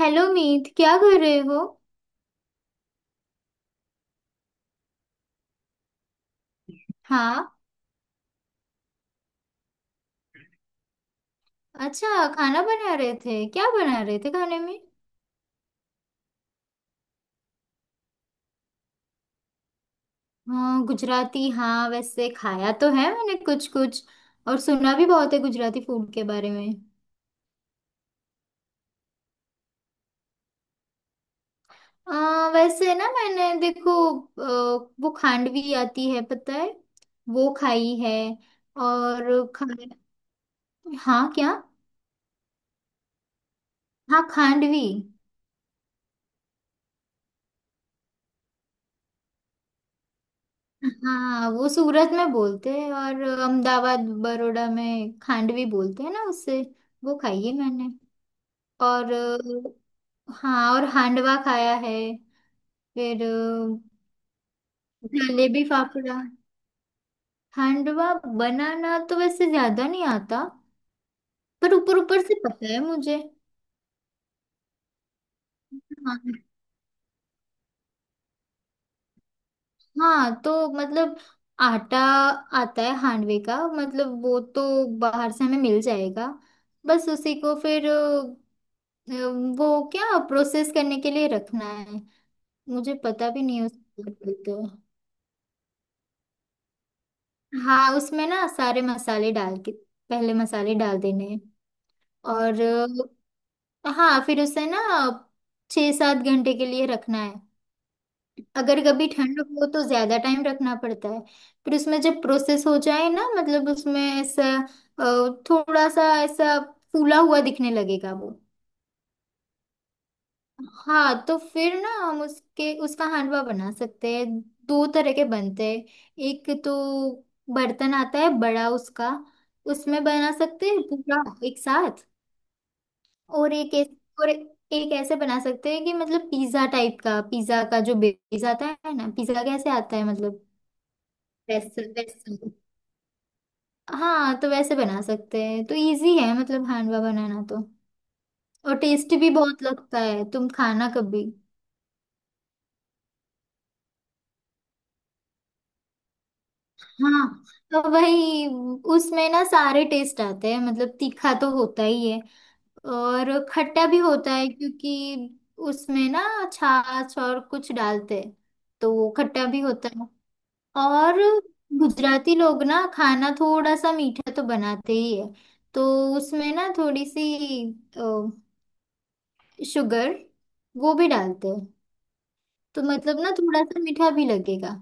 Hello Meet, क्या कर रहे हो। हाँ। अच्छा। खाना बना रहे थे, क्या बना रहे थे खाने में। हाँ गुजराती। हाँ, वैसे खाया तो है मैंने कुछ कुछ। और सुना भी बहुत है गुजराती फूड के बारे में। वैसे ना मैंने देखो, अ, वो खांडवी आती है, पता है। वो खाई है। और खा हाँ क्या। हाँ, खांडवी। हाँ, वो सूरत में बोलते हैं, और अहमदाबाद बड़ौदा में खांडवी बोलते हैं ना उससे। वो खाई है मैंने। और हाँ, और हांडवा खाया है। फिर जलेबी फाफड़ा। हांडवा बनाना तो वैसे ज्यादा नहीं आता। पर ऊपर ऊपर से पता है मुझे। हाँ। हाँ तो मतलब आटा आता है हांडवे का, मतलब वो तो बाहर से हमें मिल जाएगा। बस उसी को फिर वो क्या प्रोसेस करने के लिए रखना है, मुझे पता भी नहीं उसका। तो हाँ, उसमें ना सारे मसाले डाल के पहले मसाले डाल देने हैं। और हाँ, फिर उसे ना 6-7 घंटे के लिए रखना है। अगर कभी ठंड हो तो ज्यादा टाइम रखना पड़ता है। फिर उसमें जब प्रोसेस हो जाए ना, मतलब उसमें ऐसा अ, थोड़ा सा ऐसा फूला हुआ दिखने लगेगा वो। हाँ, तो फिर ना हम उसके उसका हांडवा बना सकते हैं। दो तरह के बनते हैं। एक तो बर्तन आता है बड़ा उसका, उसमें बना सकते हैं पूरा एक साथ। और एक ऐस- और एक ऐसे बना सकते हैं कि मतलब पिज्जा टाइप का, पिज्जा का जो बेस आता है ना, पिज्जा कैसे आता है मतलब, वैसे वैसे। हाँ, तो वैसे बना सकते हैं। तो इजी है मतलब हांडवा बनाना तो। और टेस्टी भी बहुत लगता है, तुम खाना कभी। हाँ, तो वही उसमें ना सारे टेस्ट आते हैं, मतलब तीखा तो होता ही है, और खट्टा भी होता है क्योंकि उसमें ना छाछ और कुछ डालते हैं, तो वो खट्टा भी होता है। और गुजराती लोग ना खाना थोड़ा सा मीठा तो बनाते ही है। तो उसमें ना थोड़ी सी शुगर वो भी डालते हैं। तो मतलब ना थोड़ा सा मीठा भी लगेगा।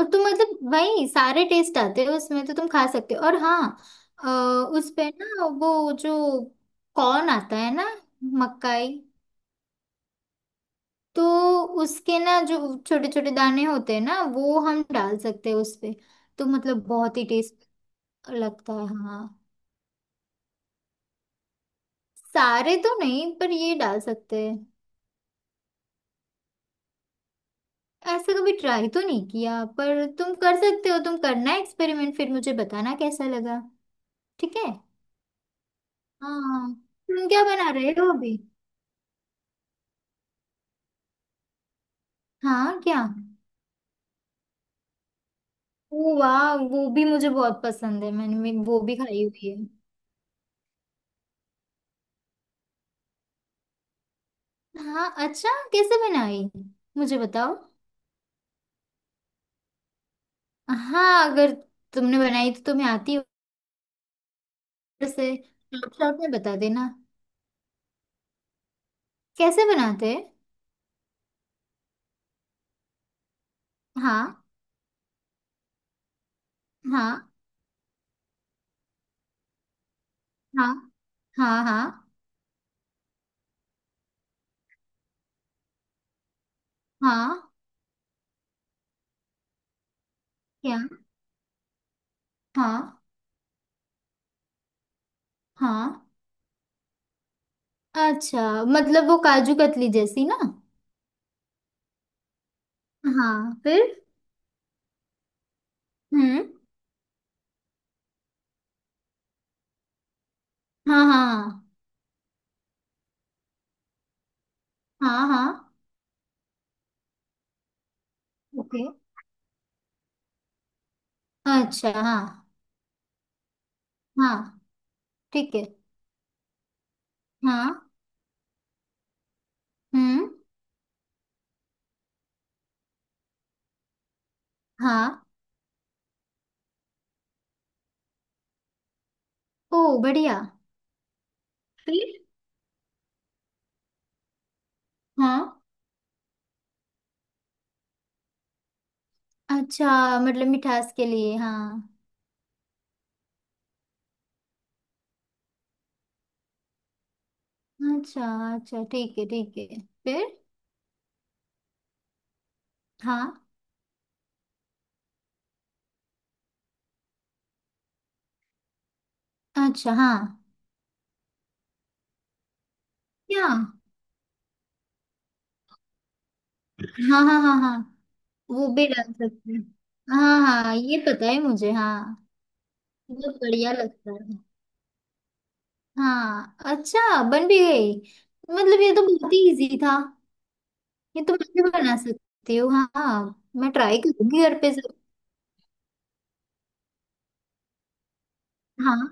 और तुम मतलब वही सारे टेस्ट आते हैं उसमें, तो तुम खा सकते हो। और हाँ अ, उस पे ना वो जो कॉर्न आता है ना, मकाई। तो उसके ना जो छोटे छोटे दाने होते हैं ना, वो हम डाल सकते हैं उस पे। तो मतलब बहुत ही टेस्ट लगता है। हाँ, सारे तो नहीं पर ये डाल सकते हैं। ऐसा कभी ट्राई तो नहीं किया, पर तुम कर सकते हो। तुम करना एक्सपेरिमेंट, फिर मुझे बताना कैसा लगा। ठीक है। हाँ, तुम क्या बना रहे हो अभी। हाँ क्या। ओ वाह, वो भी मुझे बहुत पसंद है, मैं वो भी खाई हुई है। हाँ अच्छा, कैसे बनाई, मुझे बताओ। हाँ, अगर तुमने बनाई तो तुम्हें आती हो। वैसे शॉर्ट शॉर्ट में बता देना कैसे बनाते हैं। हाँ हाँ हाँ हाँ हाँ। हाँ क्या। हाँ हाँ। अच्छा, मतलब वो काजू कतली जैसी ना। हाँ फिर। हम्म। हाँ हाँ हाँ हाँ। ओके। अच्छा हाँ हाँ ठीक है। हाँ। हम्म। हाँ। ओ बढ़िया। फिर। हाँ। अच्छा, मतलब मिठास के लिए, हाँ। अच्छा अच्छा ठीक है ठीक है। फिर। हाँ। अच्छा हाँ। क्या। हाँ हाँ हाँ हाँ। वो भी डाल सकते हैं। हाँ हाँ, ये पता है मुझे, हाँ। बहुत बढ़िया लगता है। हाँ, अच्छा बन भी गई। मतलब ये तो बहुत ही इजी था। ये तो मैं भी बना सकती हूँ, हाँ हाँ, मैं ट्राई करूंगी घर पे जरूर। हाँ,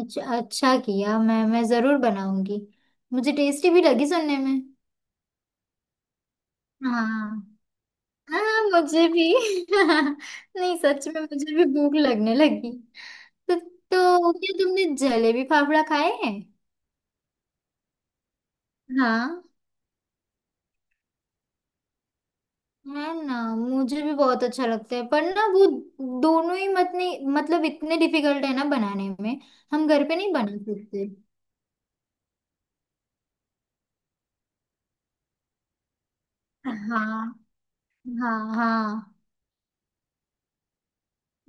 अच्छा अच्छा किया, मैं जरूर बनाऊंगी। मुझे टेस्टी भी लगी सुनने में। हाँ। हाँ, मुझे भी नहीं, सच में मुझे भी भूख लगने लगी। तो क्या तुमने जलेबी फाफड़ा खाए हैं। हाँ। है ना, मुझे भी बहुत अच्छा लगता है, पर ना वो दोनों ही मत नहीं मतलब इतने डिफिकल्ट है ना बनाने में, हम घर पे नहीं बना सकते। हाँ हाँ हाँ।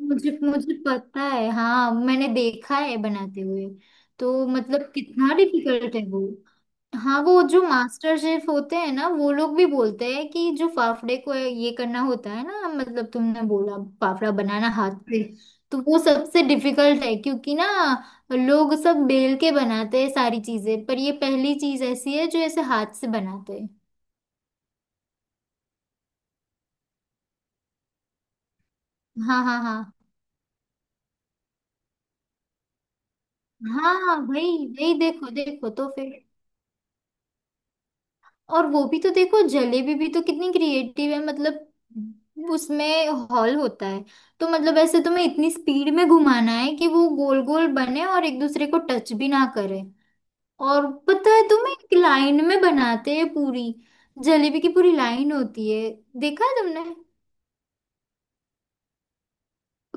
मुझे मुझे पता है, हाँ, मैंने देखा है बनाते हुए। तो मतलब कितना डिफिकल्ट है वो। हाँ, वो जो मास्टर शेफ होते हैं ना, वो लोग भी बोलते हैं कि जो फाफड़े को ये करना होता है ना, मतलब तुमने बोला फाफड़ा बनाना हाथ से, तो वो सबसे डिफिकल्ट है। क्योंकि ना लोग सब बेल के बनाते हैं सारी चीजें, पर ये पहली चीज ऐसी है जो ऐसे हाथ से बनाते हैं। हाँ हाँ हाँ। हाँ भाई। वही देखो, देखो तो फिर। और वो भी तो देखो, जलेबी भी तो कितनी क्रिएटिव है, मतलब उसमें हॉल होता है, तो मतलब ऐसे तुम्हें इतनी स्पीड में घुमाना है कि वो गोल गोल बने, और एक दूसरे को टच भी ना करे। और पता है तुम्हें, एक लाइन में बनाते हैं पूरी, जलेबी की पूरी लाइन होती है, देखा है तुमने।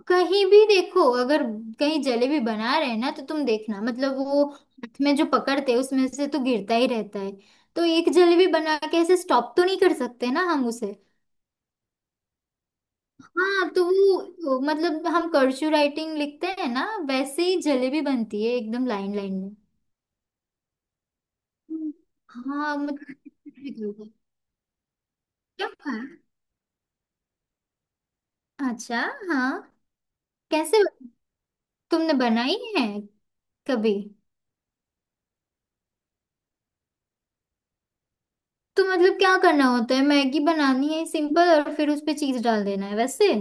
कहीं भी देखो, अगर कहीं जलेबी बना रहे हैं ना, तो तुम देखना, मतलब वो हाथ में जो पकड़ते हैं उसमें से तो गिरता ही रहता है, तो एक जलेबी बना के ऐसे स्टॉप तो नहीं कर सकते ना हम उसे। हाँ, तो वो मतलब हम कर्चू राइटिंग लिखते हैं ना, वैसे ही जलेबी बनती है एकदम लाइन लाइन में। हम्म। हाँ मतलब difficult है। क्या हुआ? अच्छा। हाँ। कैसे बन- तुमने बनाई है कभी। तो मतलब क्या करना होता है, मैगी बनानी है सिंपल और फिर उस पे चीज डाल देना है वैसे।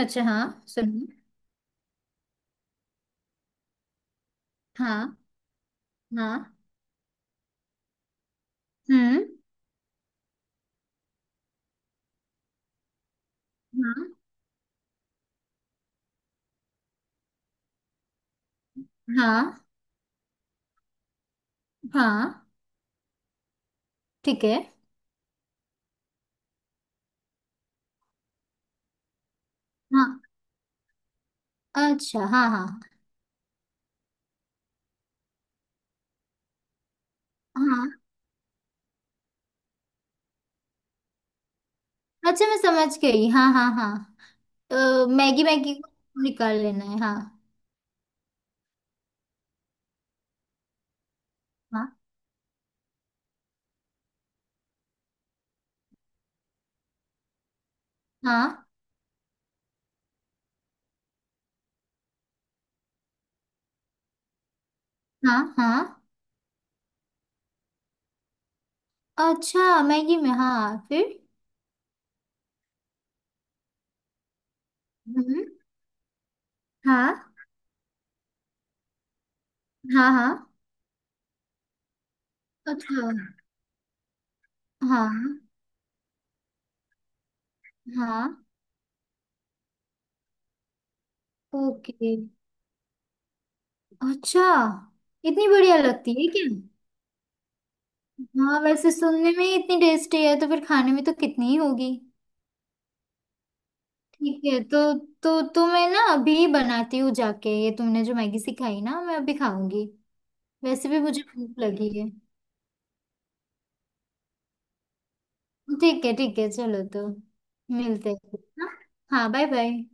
अच्छा हाँ, सुनिए। हाँ। हाँ। हम्म। हाँ हाँ हाँ। ठीक है। हाँ। अच्छा हाँ हाँ हाँ। अच्छा मैं समझ गई, हाँ हाँ हाँ। मैगी मैगी को निकाल लेना है, हाँ। हाँ हाँ हाँ हाँ। अच्छा, मैगी में, हाँ, फिर। हम्म। हाँ हाँ हाँ। अच्छा। हाँ। हाँ। ओके। अच्छा, इतनी बढ़िया लगती है क्या। हाँ, वैसे सुनने में ही इतनी टेस्टी है, तो फिर खाने में तो कितनी ही होगी। ठीक है। तो मैं ना अभी बनाती हूँ जाके, ये तुमने जो मैगी सिखाई ना, मैं अभी खाऊंगी। वैसे भी मुझे भूख लगी है। ठीक है ठीक है, चलो तो मिलते हैं। हाँ बाय बाय।